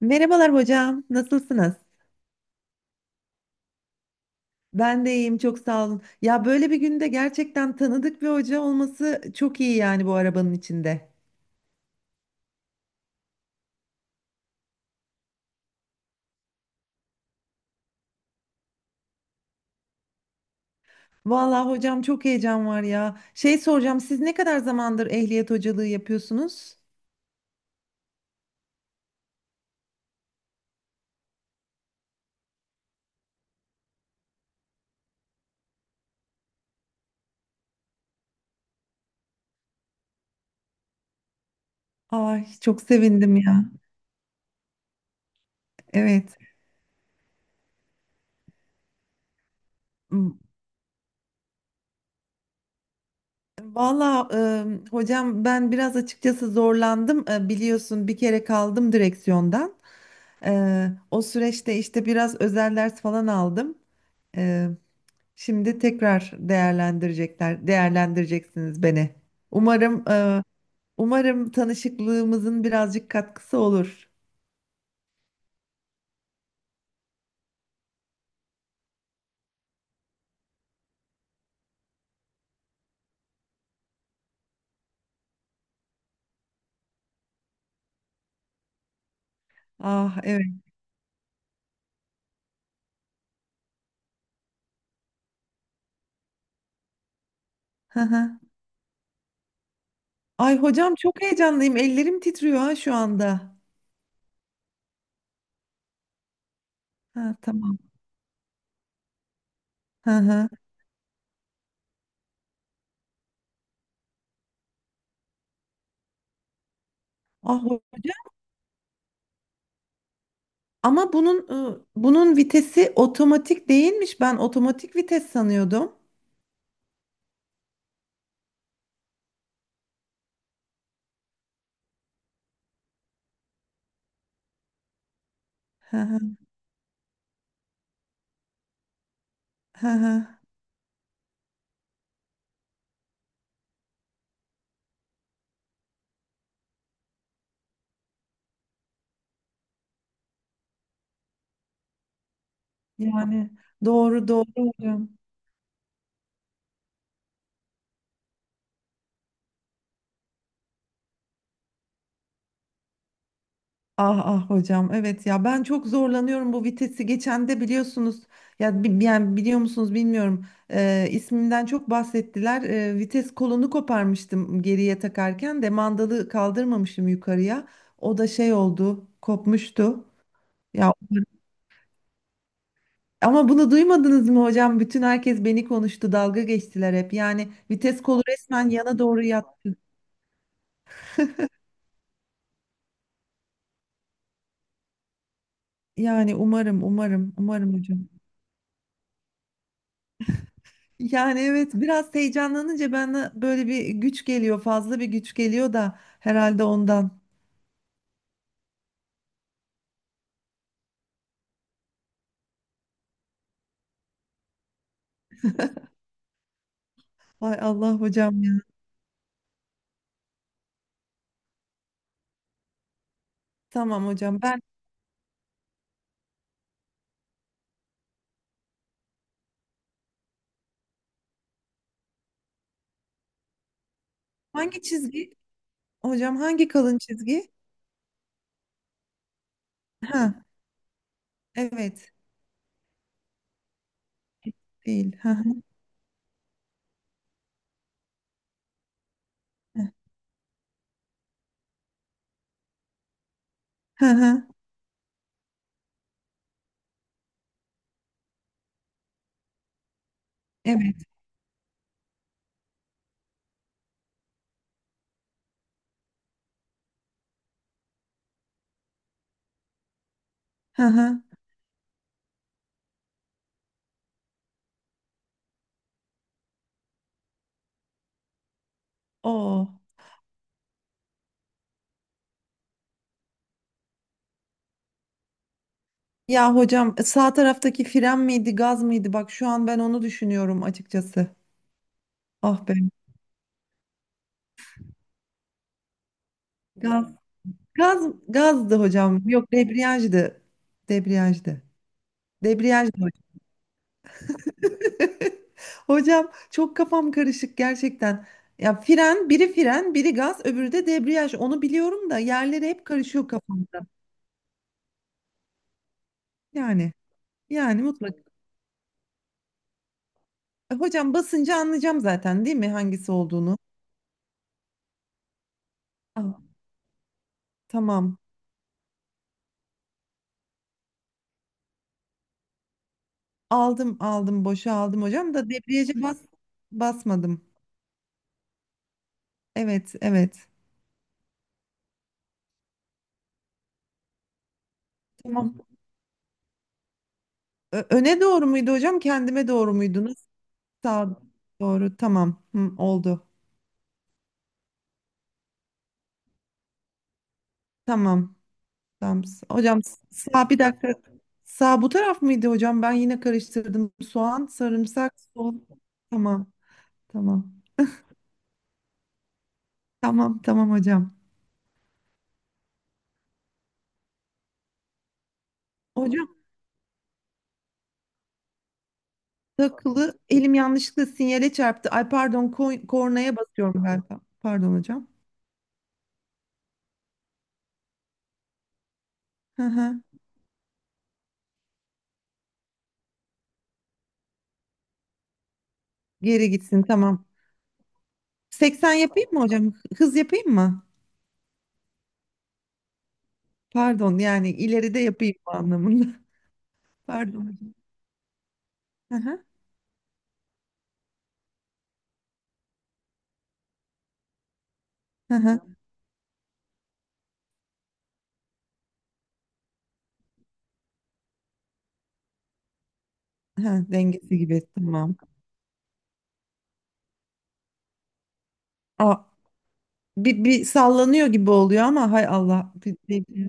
Merhabalar hocam, nasılsınız? Ben de iyiyim, çok sağ olun. Ya böyle bir günde gerçekten tanıdık bir hoca olması çok iyi yani bu arabanın içinde. Vallahi hocam çok heyecan var ya. Şey soracağım, siz ne kadar zamandır ehliyet hocalığı yapıyorsunuz? Ay çok sevindim ya. Evet. M- Vallahi hocam ben biraz açıkçası zorlandım. Biliyorsun bir kere kaldım direksiyondan. O süreçte işte biraz özel ders falan aldım. Şimdi tekrar değerlendirecekler, değerlendireceksiniz beni. Umarım, e, umarım tanışıklığımızın birazcık katkısı olur. Ah evet. Hı hı. Ay hocam çok heyecanlıyım. Ellerim titriyor ha şu anda. Ha tamam. Hı hı. Ah hocam. Ama bunun vitesi otomatik değilmiş. Ben otomatik vites sanıyordum. Hı hı. Hı hı. Yani doğru doğru hocam. Ah ah hocam evet ya ben çok zorlanıyorum bu vitesi, geçen de biliyorsunuz ya, yani biliyor musunuz bilmiyorum, ismimden çok bahsettiler. Vites kolunu koparmıştım, geriye takarken de mandalı kaldırmamışım yukarıya, o da şey oldu, kopmuştu ya. Ama bunu duymadınız mı hocam? Bütün herkes beni konuştu, dalga geçtiler hep. Yani vites kolu resmen yana doğru yat, yani umarım umarım umarım hocam. Yani evet biraz heyecanlanınca bana böyle bir güç geliyor, fazla bir güç geliyor da, herhalde ondan. Vay Allah hocam ya. Tamam hocam ben, hangi çizgi hocam, hangi kalın çizgi? Ha evet, değil. Ha ha ha ha, evet. Ha ha. O. Ya hocam sağ taraftaki fren miydi, gaz mıydı? Bak şu an ben onu düşünüyorum açıkçası. Ah be. Gaz gazdı hocam. Yok, debriyajdı. Debriyajdı. Debriyajdı. Hocam çok kafam karışık gerçekten. Ya biri fren, biri gaz, öbürü de debriyaj. Onu biliyorum da yerleri hep karışıyor kafamda. Yani, yani mutlak. Hocam basınca anlayacağım zaten değil mi hangisi olduğunu? Ah, tamam. Aldım, aldım, boşa aldım hocam, da debriyaja basmadım. Evet, evet. Tamam. Öne doğru muydu hocam? Kendime doğru muydu? Nasıl? Sağ doğru. Tamam. Hı, oldu. Tamam. Tamam. Hocam sağ, bir dakika. Sağ bu taraf mıydı hocam? Ben yine karıştırdım. Soğan, sarımsak, sol. Tamam. Tamam. Tamam. Tamam hocam. Hocam takılı, elim yanlışlıkla sinyale çarptı. Ay pardon, kornaya basıyorum galiba. Pardon hocam. Hı hı. Geri gitsin, tamam. 80 yapayım mı hocam? Hız yapayım mı? Pardon, yani ileride yapayım anlamında. Pardon hocam. Hı hı. Hı hı. Hı, dengesi gibi, tamam. Aa, bir sallanıyor gibi oluyor ama hay Allah.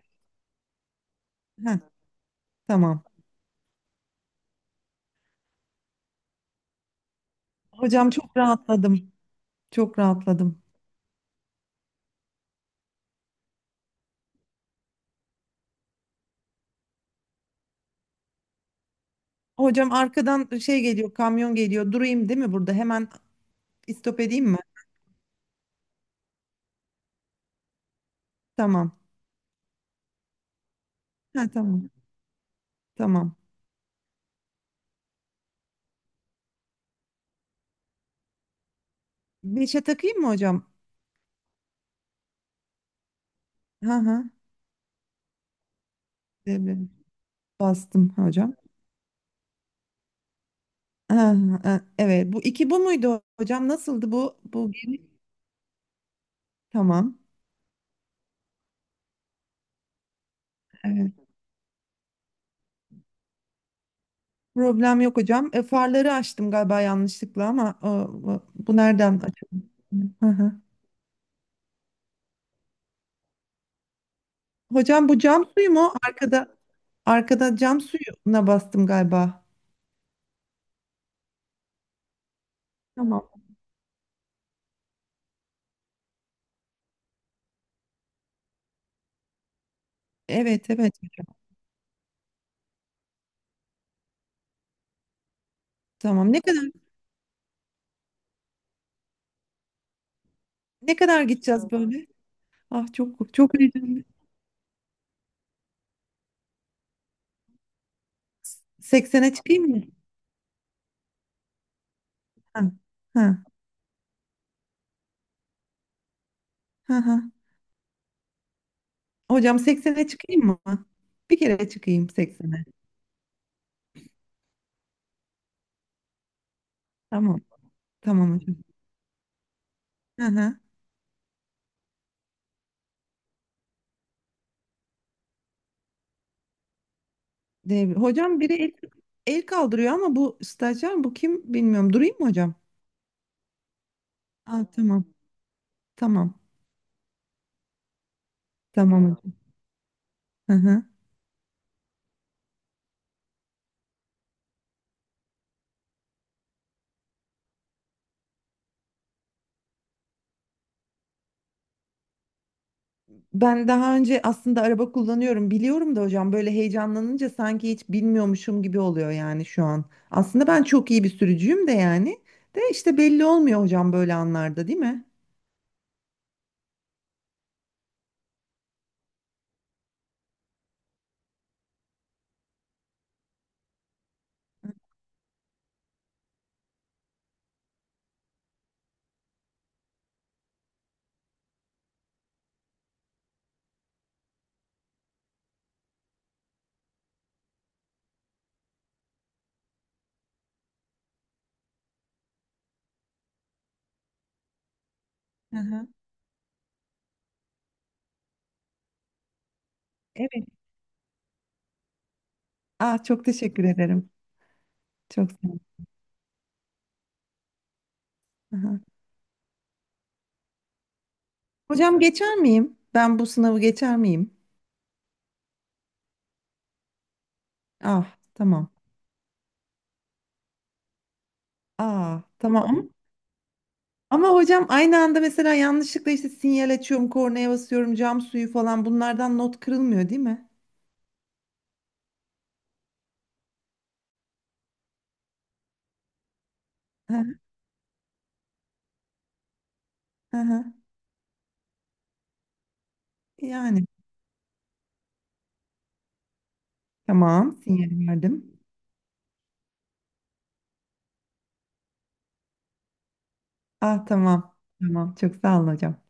Heh, tamam. Hocam çok rahatladım. Çok rahatladım. Hocam arkadan şey geliyor, kamyon geliyor. Durayım değil mi burada? Hemen istop edeyim mi? Tamam. Ha, tamam. Tamam. Beşe takayım mı hocam? Ha ha. Devrelim. Bastım hocam. Ha, ha, ha. Evet. Bu iki bu muydu hocam? Nasıldı bu? Bu gemi? Tamam. Evet. Problem yok hocam. Farları açtım galiba yanlışlıkla ama bu nereden açıldı? Hı hı. Hocam bu cam suyu mu? Arkada, cam suyuna bastım galiba. Tamam. Evet evet hocam. Tamam. Ne kadar, gideceğiz tamam böyle? Ah çok çok heyecanlı. 80'e çıkayım mı? Ha, ha, ha, ha. Hocam 80'e çıkayım mı? Bir kere çıkayım 80'e. Tamam. Tamam hocam. Hı hı. Hocam biri el kaldırıyor ama bu stajyer, bu kim, bilmiyorum. Durayım mı hocam? Aa, tamam. Tamam. Tamam hocam. Hı hı. Ben daha önce aslında araba kullanıyorum, biliyorum da hocam, böyle heyecanlanınca sanki hiç bilmiyormuşum gibi oluyor yani şu an. Aslında ben çok iyi bir sürücüyüm de, yani de işte belli olmuyor hocam böyle anlarda, değil mi? Hı hı. Evet. Ah çok teşekkür ederim. Çok sağ olun. Aha. Hocam geçer miyim? Ben bu sınavı geçer miyim? Ah tamam. Aa, tamam ama, hocam aynı anda mesela yanlışlıkla işte sinyal açıyorum, kornaya basıyorum, cam suyu falan, bunlardan not kırılmıyor değil mi? Hı hı. Hı. Yani tamam, sinyal verdim. Ah tamam. Tamam çok sağ olun hocam.